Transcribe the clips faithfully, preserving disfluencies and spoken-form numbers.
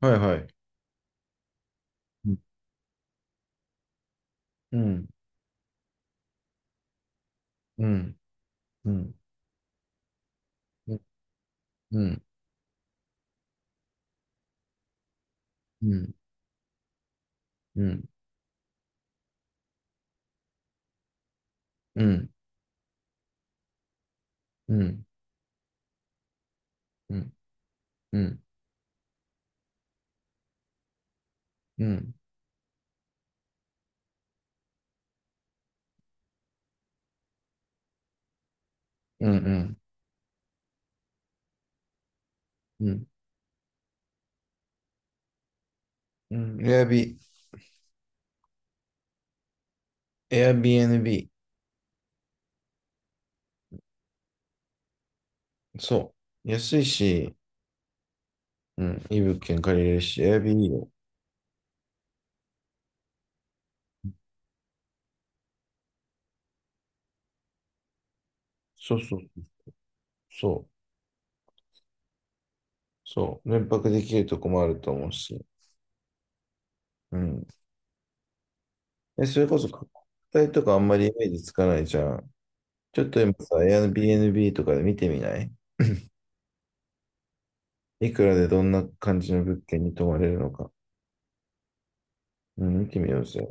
はいはい。うん、うん、うん、うん、うん、うん、うん、うん、うん、うん、うん、うん、うん、うん、うん、うん、エアビ、エアビー エヌビー。そう。安いし、うん、いい物件借りれるし、エアビーいいよ。そうそう、そう、そう。連泊できるとこもあると思うし。うん。え、それこそ、国体とかあんまりイメージつかないじゃん。ちょっと今さ、エア r b n b とかで見てみない？いくらでどんな感じの物件に泊まれるのか。うん、見てみようぜ。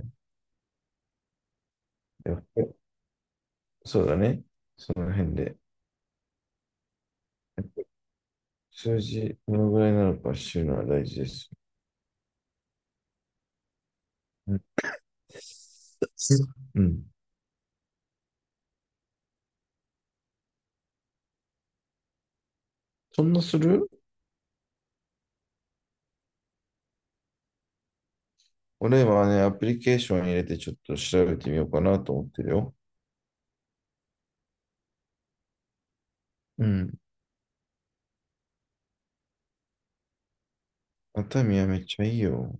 やっぱりそうだね。その辺で。やっぱ数字、どのぐらいなのか知るのは大事です。うん。うん。そんなする？俺はね、アプリケーション入れてちょっと調べてみようかなと思ってるよ。うん。熱海はめっちゃいいよ。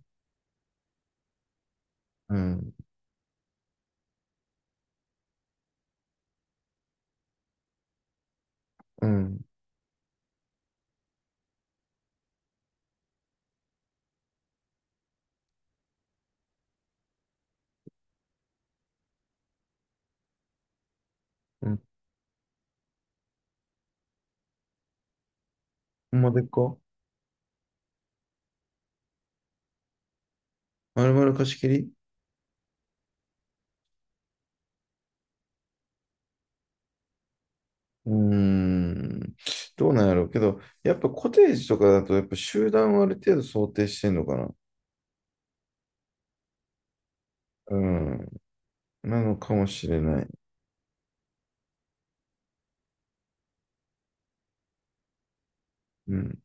うん。うん。うん。ほんまでっか？丸々貸し切り？うーん。どうなんやろうけど、やっぱコテージとかだと、やっぱ集団をある程度想定してんのかな。うん。なのかもしれない。うん。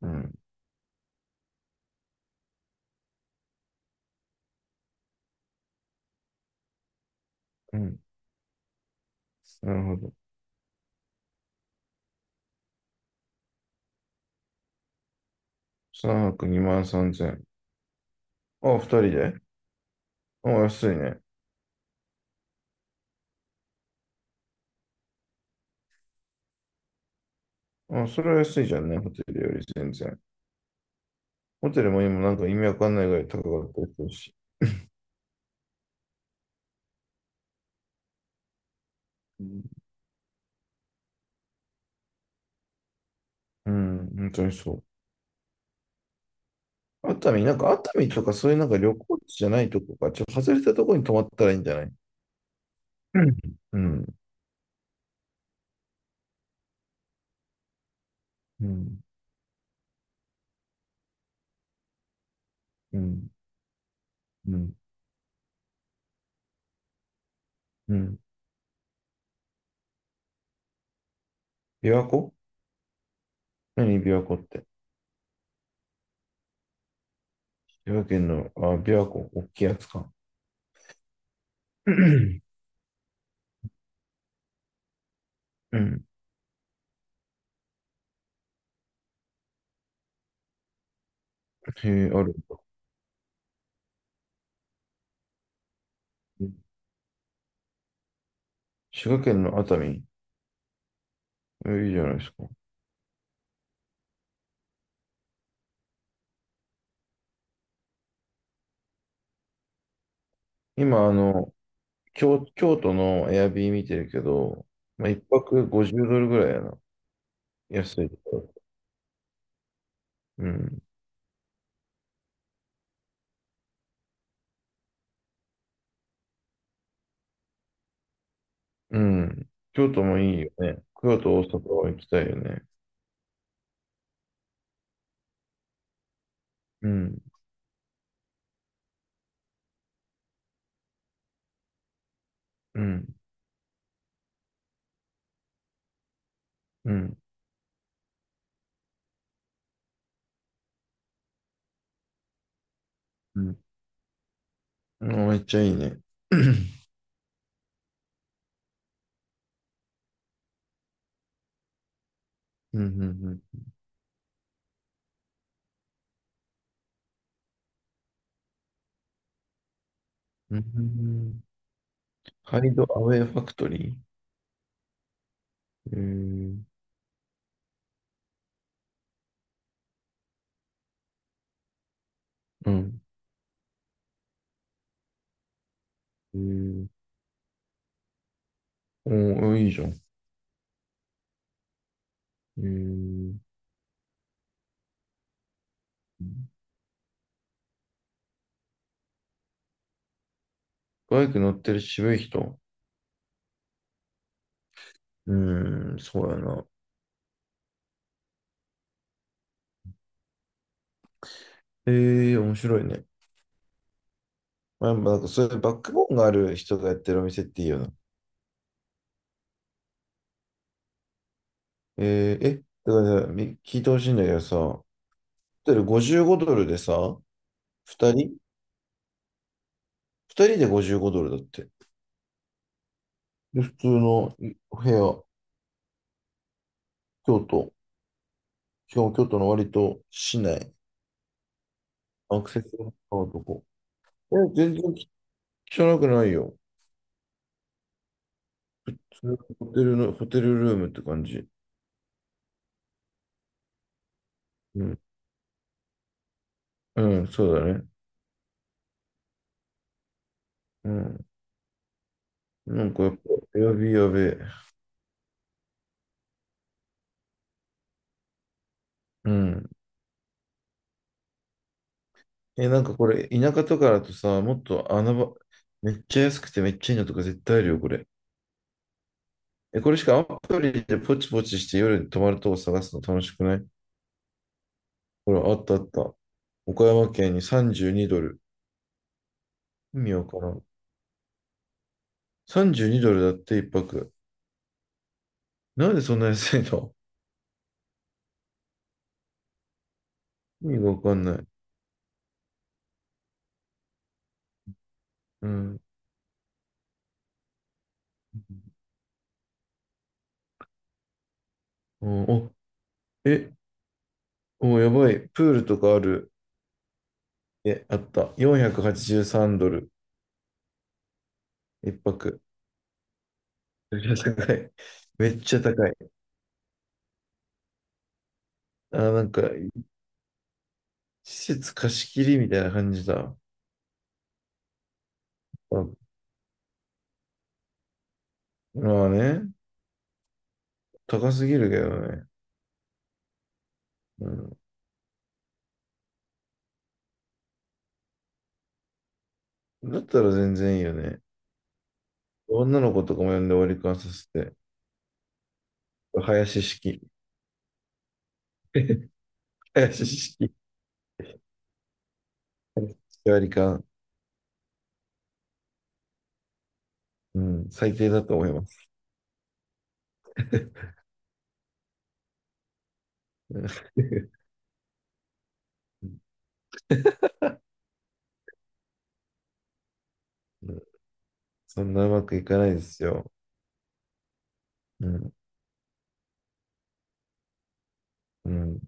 うん。うん。なるほど。さんぱくにまんさんぜんゼロ？あ、ふたりで？あ、安いね。あ、それは安いじゃんね、ホテルより全然。ホテルも今なんか意味わかんないぐらい高かったりするし。うん。うん、本当にそう。熱海、なんか熱海とかそういうなんか旅行地じゃないとこか、ちょっと外れたとこに泊まったらいいんじゃない？うん、うん、うん、うん、うん。琵琶湖？何琵琶湖って。琵琶県の、あ、琵琶湖、大きいやつか。うん、へえ、あるんだ。滋賀県の熱海。えいいじゃないですか。今、あの、京、京都のエアビー見てるけど、まあ、一泊ごじゅうドルぐらいやな。安いところ。うん。うん。京都もいいよね。京都、大阪は行きたいよね。うん。うん。うん。うん。うんめっちゃいいね。うん。うん。うん。うん。ハイドアウェイファクトリー。えー、うん。えー、おー、いいじゃん。えー、バイク乗ってる渋い人。うーん、そうやな。え、え、面白いね。まあ、なんかそういうバックボーンがある人がやってるお店っていいよな。えー、え、だからみ聞いてほしいんだけどさ、ホテルごじゅうごドルでさ、ふたり？ に 人でごじゅうごドルだって。で、普通のいお部屋、京都、しかも京都の割と市内、アクセスの高いとこ。え、全然汚くないよ。それホテルの、ホテルルームって感じ。うん、うん、そうだね。うん。なんかやっぱ、エアビーやべえ。うん。え、なんかこれ、田舎とかだとさ、もっと穴場、めっちゃ安くてめっちゃいいのとか絶対あるよ、これ。え、これしかアプリでポチポチして夜に泊まるとこ探すの楽しくない？ほら、あったあった。岡山県にさんじゅうにドル。意味わからん。さんじゅうにドルだって一泊。なんでそんな安いの？ 意味がわかんない。うん。うん、お、え、お、やばい。プールとかある。え、あった。よんひゃくはちじゅうさんドル。一泊。めっちゃ高い。めっちゃ高い。あ、なんか、施設貸し切りみたいな感じだ。あ、まあね、高すぎるけどね。うん、だったら全然いいよね。女の子とかも呼んで割り勘させて。林式。林式。割り勘。うん、最低だと思います。そんなうまくいかないですよ。うん、うん、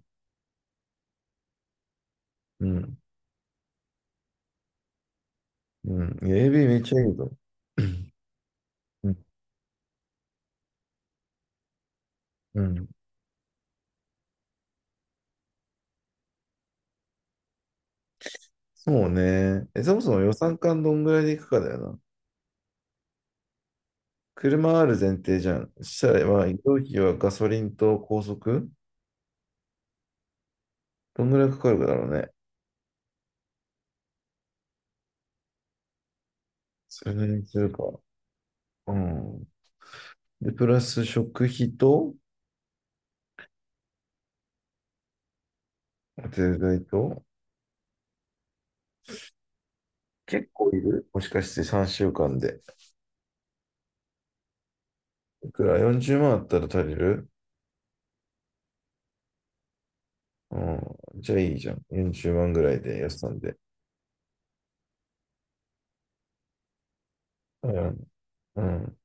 うん、うん。エービー めっちゃいいぞ。うん、うん。そうね。え、そもそも予算感どんぐらいでいくかだよな。車ある前提じゃん。そしたら、まあ、移動費はガソリンと高速どんぐらいかかるかだろうね。それなりにするか。うん。で、プラス食費と、ホテルと、結構いるもしかしてさんしゅうかんで。いくら？ よんじゅう 万あったら足りる？うん。じゃあいいじゃん。よんじゅうまんぐらいで、予算で。うん。うん。